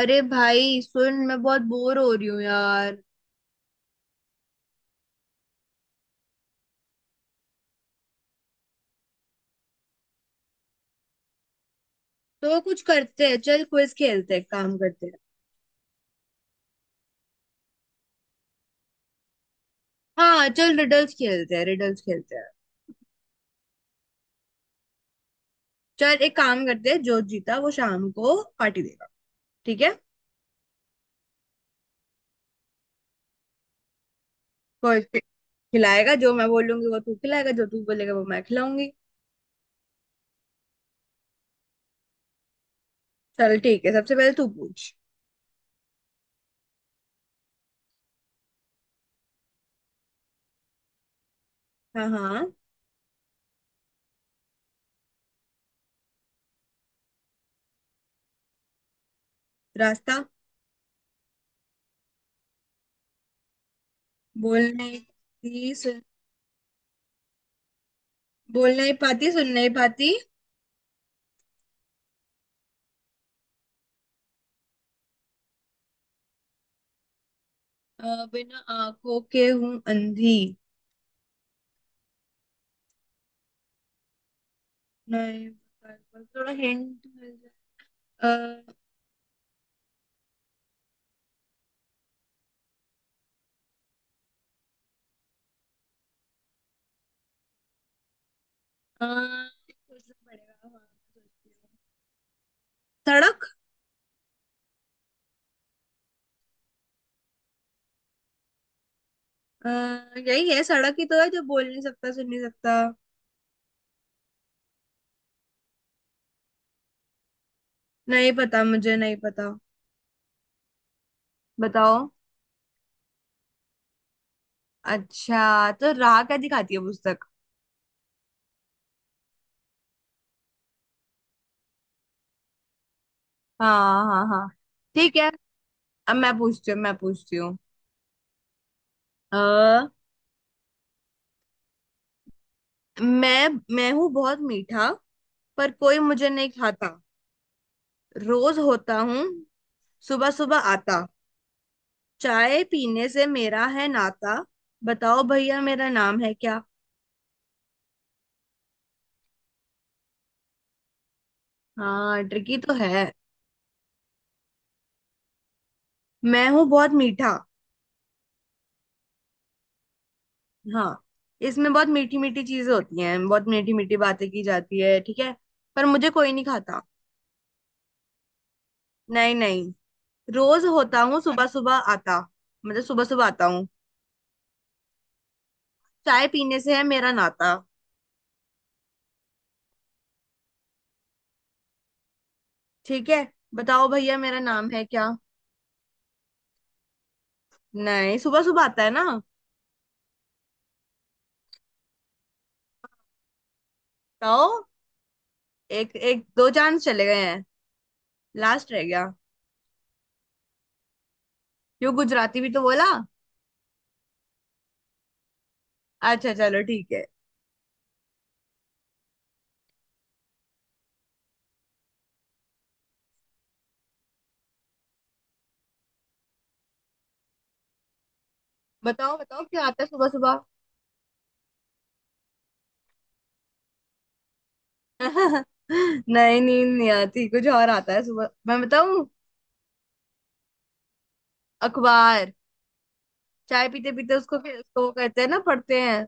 अरे भाई सुन, मैं बहुत बोर हो रही हूँ यार। तो कुछ करते हैं, चल क्विज खेलते हैं, काम करते हैं। हाँ चल रिडल्स खेलते हैं, रिडल्स खेलते हैं। चल एक काम करते हैं, जो जीता वो शाम को पार्टी देगा। ठीक है। कोई खिलाएगा, जो मैं बोलूंगी वो तू खिलाएगा, जो तू बोलेगा वो मैं खिलाऊंगी। चल ठीक है, सबसे पहले तू पूछ। हाँ हाँ। रास्ता। बोल नहीं पाती, सुन। बोल नहीं पाती, सुन नहीं पाती। बिना आंखों के हूँ अंधी। नहीं पता- थोड़ा हिंट। अ, अ, सोचना पड़ेगा हाँ। सोचती हूँ। सड़क। अ, यही है, सड़क ही तो है जो बोल नहीं सकता सुन नहीं सकता। नहीं पता, मुझे नहीं पता। बताओ। अच्छा, तो राह क्या दिखाती है पुस्तक? हाँ हाँ हाँ। ठीक है। अब मैं पूछती हूँ, मैं पूछती हूँ। अ, मैं मैं हूँ बहुत मीठा, पर कोई मुझे नहीं खाता। रोज होता हूँ सुबह सुबह आता, चाय पीने से मेरा है नाता। बताओ भैया मेरा नाम है क्या? हाँ ट्रिकी तो है। मैं हूँ बहुत मीठा। हाँ। इसमें बहुत मीठी मीठी चीजें होती हैं, बहुत मीठी मीठी बातें की जाती है, ठीक है। पर मुझे कोई नहीं खाता। नहीं नहीं। रोज होता हूँ सुबह सुबह आता। मतलब सुबह सुबह आता हूँ। चाय पीने से है मेरा नाता। ठीक है। बताओ भैया मेरा नाम है क्या? नहीं, सुबह सुबह आता है ना। बताओ। एक एक दो चांस चले गए हैं, लास्ट रह गया। क्यों, गुजराती भी तो बोला। अच्छा चलो ठीक है। बताओ बताओ, क्या आता है सुबह सुबह? नहीं, नींद नहीं आती, कुछ और आता है सुबह, मैं बताऊं? अखबार। चाय पीते पीते उसको फिर उसको वो कहते हैं ना, पढ़ते हैं।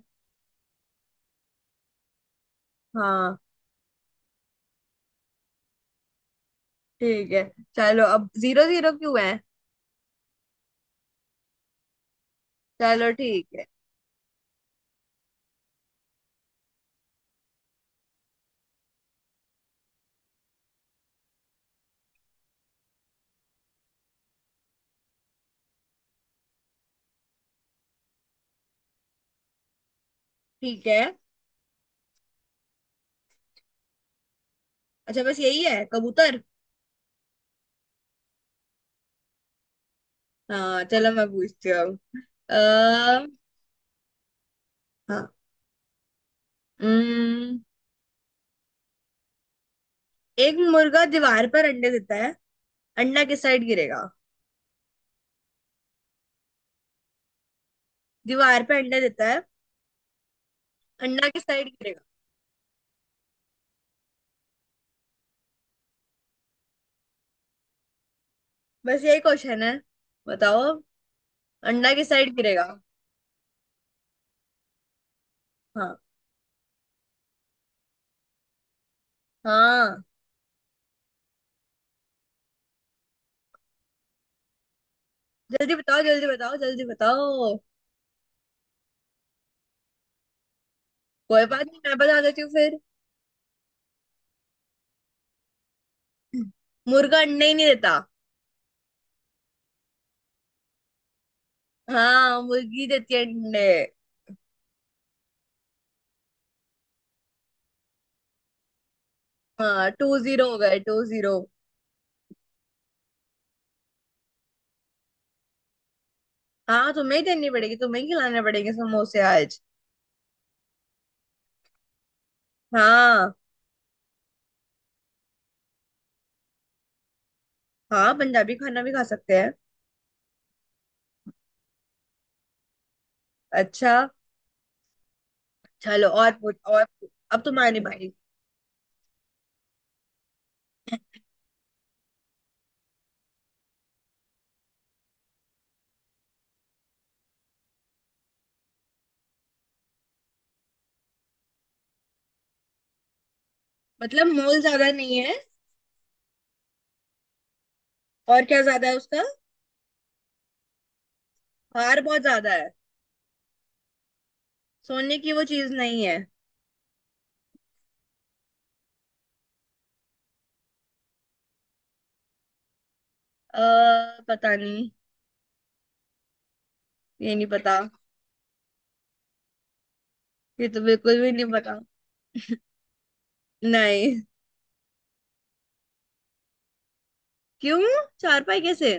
हाँ। ठीक है। चलो अब जीरो जीरो क्यों है? चलो ठीक है। ठीक है। अच्छा बस यही है, कबूतर। हाँ चलो मैं पूछती हूँ। अः हाँ। उम्म, एक मुर्गा दीवार पर अंडे देता है, अंडा किस साइड गिरेगा? दीवार पे अंडे देता है, अंडा किस साइड गिरेगा? बस यही क्वेश्चन है, बताओ। अंडा किस साइड गिरेगा? हाँ, हाँ। जल्दी बताओ जल्दी बताओ जल्दी बताओ। कोई बात नहीं, मैं बता देती हूँ फिर। मुर्गा अंडे ही नहीं देता। हाँ, मुर्गी देती है अंडे। हाँ टू जीरो हो गए, टू जीरो। हाँ तुम्हें ही देनी पड़ेगी, तुम्हें ही खिलाने पड़ेंगे समोसे आज। हाँ। हाँ पंजाबी खाना भी खा सकते हैं। अच्छा। चलो और पूछ और पूछ। अब तुम्हारी बारी। मतलब मोल ज्यादा नहीं है। और क्या ज्यादा है उसका? हार बहुत ज्यादा है। सोने की वो चीज नहीं है। अः पता नहीं। ये नहीं पता। ये तो बिल्कुल भी नहीं पता। नहीं। क्यों, चारपाई कैसे?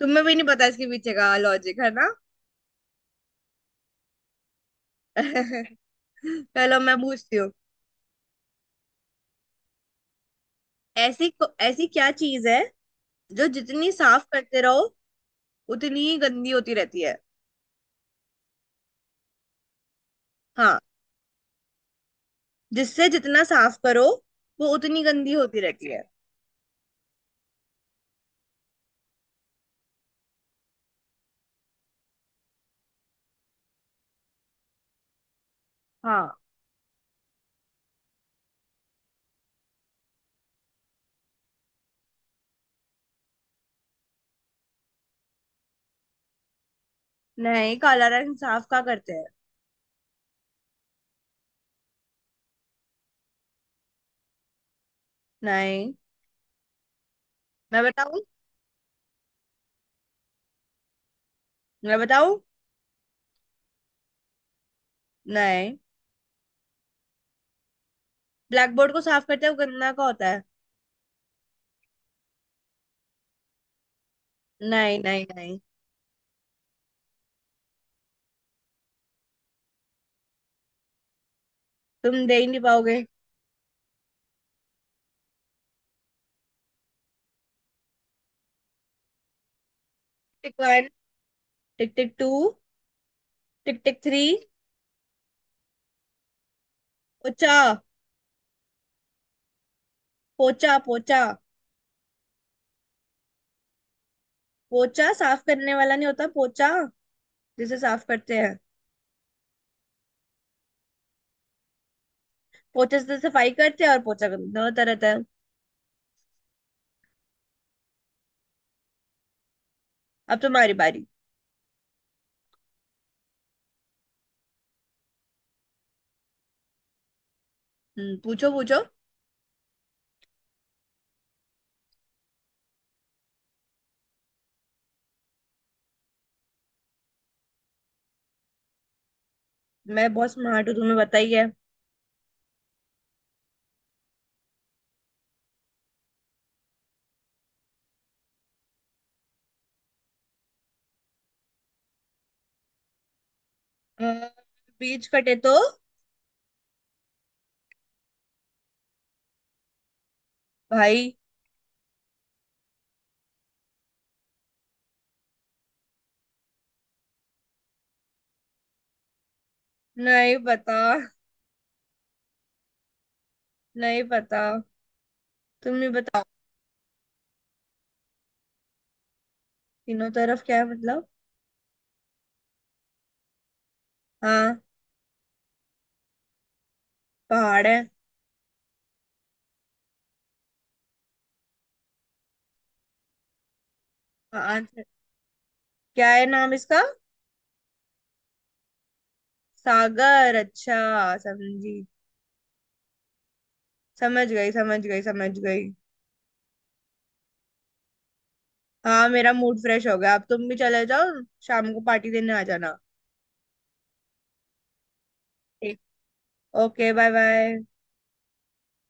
तुम्हें भी नहीं पता इसके पीछे का लॉजिक है ना? चलो मैं पूछती हूँ। ऐसी क्या चीज है जो जितनी साफ करते रहो उतनी ही गंदी होती रहती है? हाँ। जिससे जितना साफ करो वो उतनी गंदी होती रहती है। हाँ। नहीं, काला रंग साफ का करते हैं। नहीं, मैं बताऊं? मैं बताऊं? नहीं। ब्लैक बोर्ड को साफ करते हैं वो गंदा का होता है। नहीं नहीं नहीं। तुम दे ही नहीं पाओगे। Tick tick two, tick tick three. पोचा। पोचा पोचा। पोचा साफ करने वाला नहीं होता, पोचा जिसे साफ करते हैं। पोचे से सफाई करते हैं और पोचा करते हैं, होता रहता है। अब तुम्हारी बारी। पूछो पूछो। मैं बहुत स्मार्ट हूँ, तुम्हें पता ही है। अ, बीच कटे तो, भाई। नहीं पता। नहीं पता, तुम ही बताओ। तीनों तरफ क्या है मतलब? हाँ। पहाड़ है। हाँ आंसर। क्या है नाम इसका? सागर? अच्छा समझी। समझ गई समझ गई समझ गई। हाँ मेरा मूड फ्रेश हो गया, अब तुम भी चले जाओ। शाम को पार्टी देने आ जाना। ठीक। Okay bye bye.